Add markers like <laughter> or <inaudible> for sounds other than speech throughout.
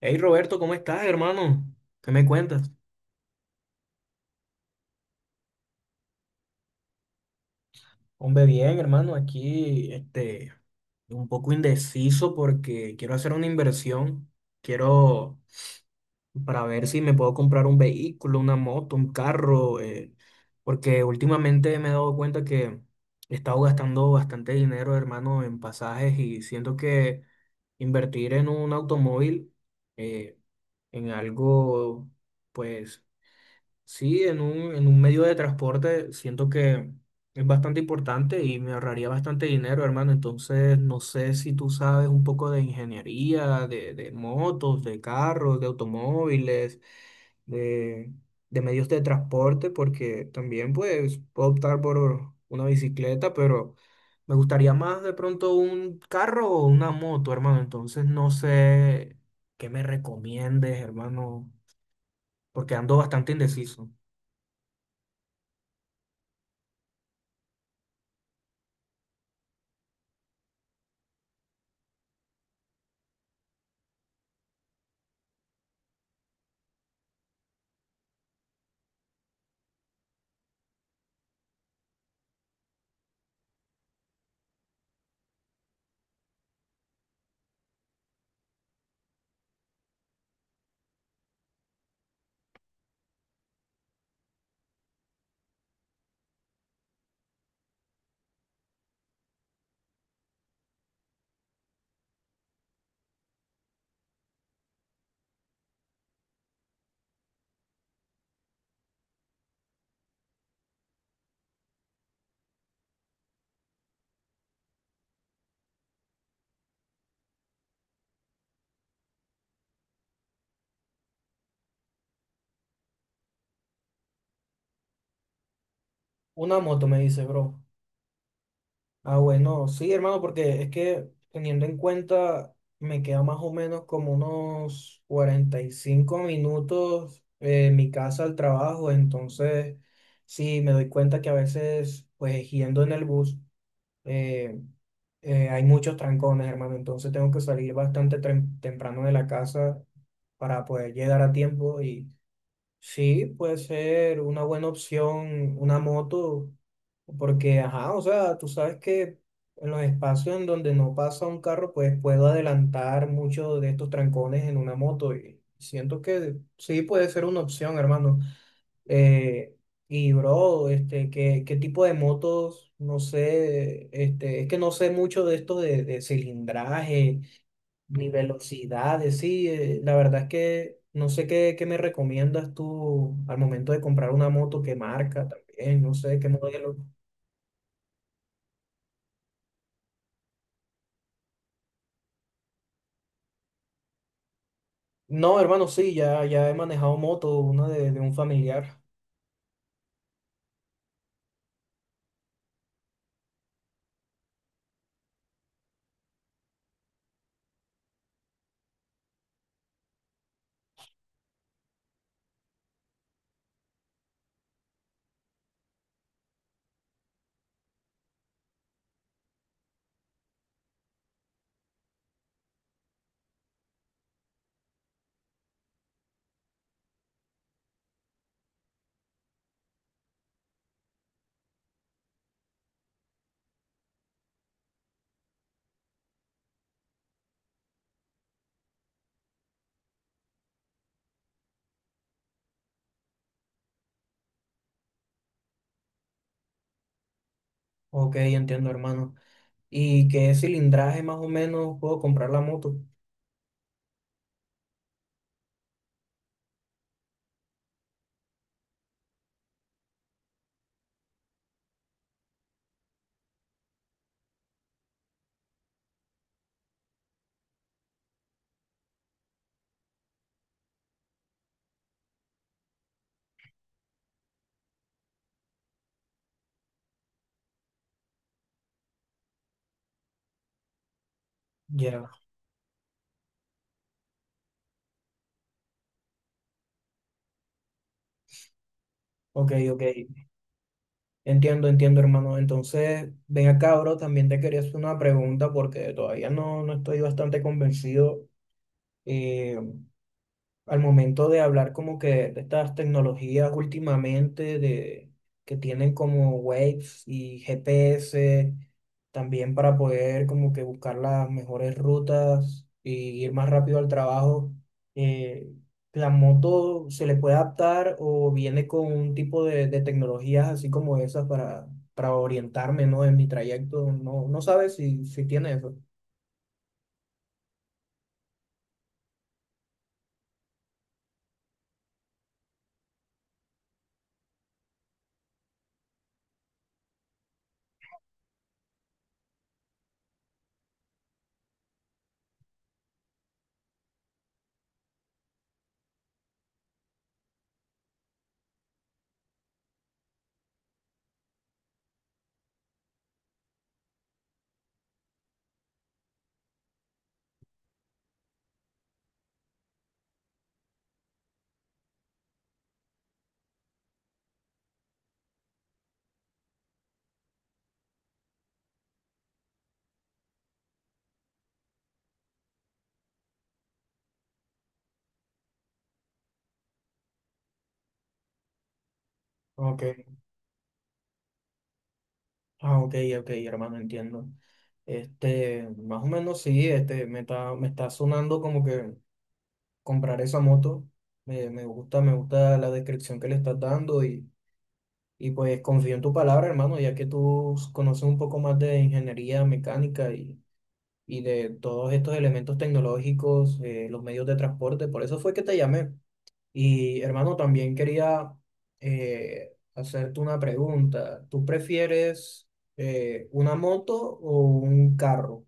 Hey, Roberto, ¿cómo estás, hermano? ¿Qué me cuentas? Hombre, bien, hermano, aquí un poco indeciso porque quiero hacer una inversión. Quiero, para ver si me puedo comprar un vehículo, una moto, un carro, porque últimamente me he dado cuenta que he estado gastando bastante dinero, hermano, en pasajes y siento que invertir en un automóvil, eh, en algo, pues sí, en un medio de transporte siento que es bastante importante y me ahorraría bastante dinero, hermano. Entonces, no sé si tú sabes un poco de ingeniería, de motos, de carros, de automóviles, de, de medios de transporte, porque también pues puedo optar por una bicicleta, pero me gustaría más de pronto un carro o una moto, hermano. Entonces, no sé qué me recomiendes, hermano, porque ando bastante indeciso. Una moto, me dice, bro. Ah, bueno, sí, hermano, porque es que teniendo en cuenta, me queda más o menos como unos 45 minutos mi casa al trabajo. Entonces sí, me doy cuenta que a veces, pues yendo en el bus, eh, hay muchos trancones, hermano, entonces tengo que salir bastante temprano de la casa para poder llegar a tiempo. Y sí, puede ser una buena opción una moto, porque, ajá, o sea, tú sabes que en los espacios en donde no pasa un carro, pues puedo adelantar muchos de estos trancones en una moto y siento que sí puede ser una opción, hermano. Eh, y, bro, ¿qué, qué tipo de motos? No sé, este, es que no sé mucho de esto de cilindraje ni velocidades, sí. La verdad es que no sé qué, qué me recomiendas tú al momento de comprar una moto, qué marca también, no sé qué modelo. No, hermano, sí, ya he manejado moto, una de un familiar. Ok, entiendo, hermano. ¿Y qué cilindraje más o menos puedo comprar la moto? Ya, ok, ok. Entiendo, entiendo, hermano. Entonces, ven acá, bro, también te quería hacer una pregunta porque todavía no estoy bastante convencido. eh, Al momento de hablar como que de estas tecnologías últimamente de, que tienen como Waves y GPS, también para poder como que buscar las mejores rutas y ir más rápido al trabajo, eh, ¿la moto se le puede adaptar o viene con un tipo de tecnologías así como esas para orientarme, ¿no? en mi trayecto? No, no sabes si, si tiene eso. Ok. Ah, ok, ok, hermano, entiendo. Este, más o menos sí, me está sonando como que comprar esa moto. Me, me gusta la descripción que le estás dando y pues confío en tu palabra, hermano, ya que tú conoces un poco más de ingeniería mecánica y de todos estos elementos tecnológicos, los medios de transporte. Por eso fue que te llamé. Y hermano, también quería hacerte una pregunta. ¿Tú prefieres, una moto o un carro?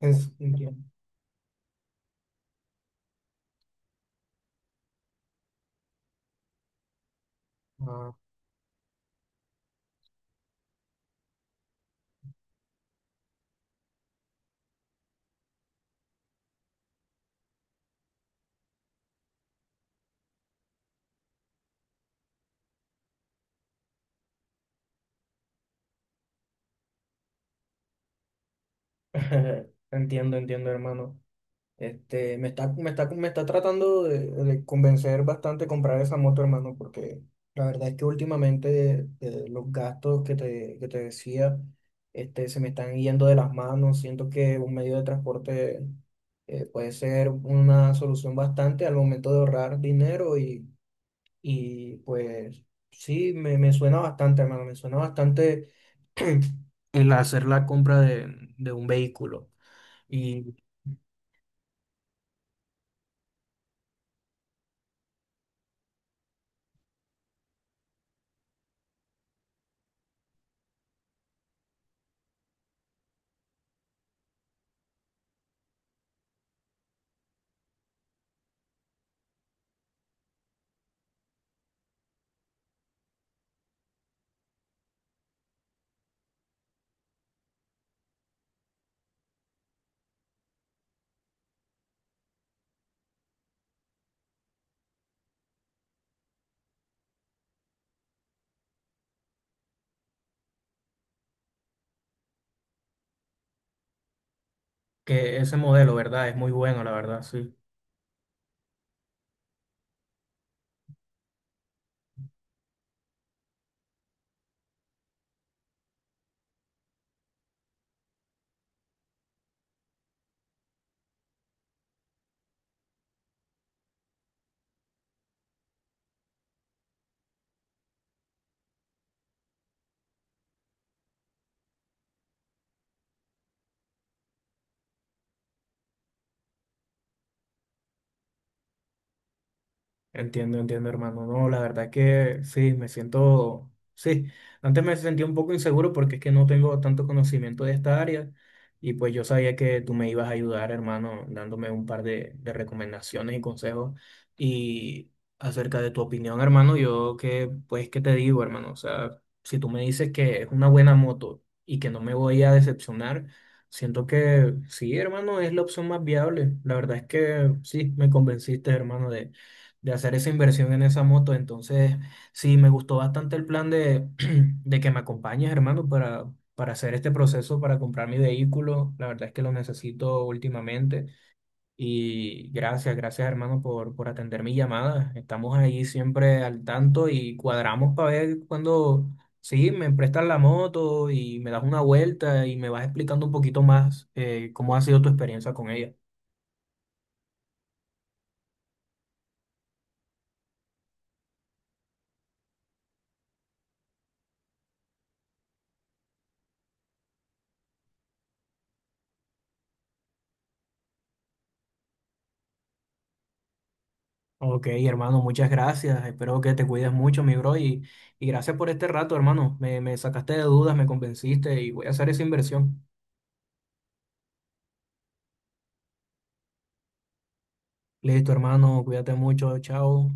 En- entiendo. Ah, <laughs> entiendo, entiendo, hermano. Este, me está, me está, me está tratando de convencer bastante comprar esa moto, hermano, porque la verdad es que últimamente los gastos que te decía, se me están yendo de las manos. Siento que un medio de transporte puede ser una solución bastante al momento de ahorrar dinero y pues sí, me suena bastante, hermano, me suena bastante <clears throat> el hacer la compra de un vehículo. Que ese modelo, ¿verdad? Es muy bueno, la verdad, sí. Entiendo, entiendo, hermano. No, la verdad que sí, me siento, sí, antes me sentía un poco inseguro porque es que no tengo tanto conocimiento de esta área y pues yo sabía que tú me ibas a ayudar, hermano, dándome un par de recomendaciones y consejos y acerca de tu opinión, hermano, yo que, pues, ¿qué te digo, hermano? O sea, si tú me dices que es una buena moto y que no me voy a decepcionar, siento que sí, hermano, es la opción más viable. La verdad es que sí, me convenciste, hermano, de hacer esa inversión en esa moto. Entonces, sí, me gustó bastante el plan de, <clears throat> de que me acompañes, hermano, para hacer este proceso, para comprar mi vehículo. La verdad es que lo necesito últimamente. Y gracias, hermano, por atender mi llamada. Estamos ahí siempre al tanto y cuadramos para ver cuando sí, me prestas la moto y me das una vuelta y me vas explicando un poquito más cómo ha sido tu experiencia con ella. Ok, hermano, muchas gracias. Espero que te cuides mucho, mi bro, y gracias por este rato, hermano. Me sacaste de dudas, me convenciste y voy a hacer esa inversión. Listo, hermano, cuídate mucho, chao.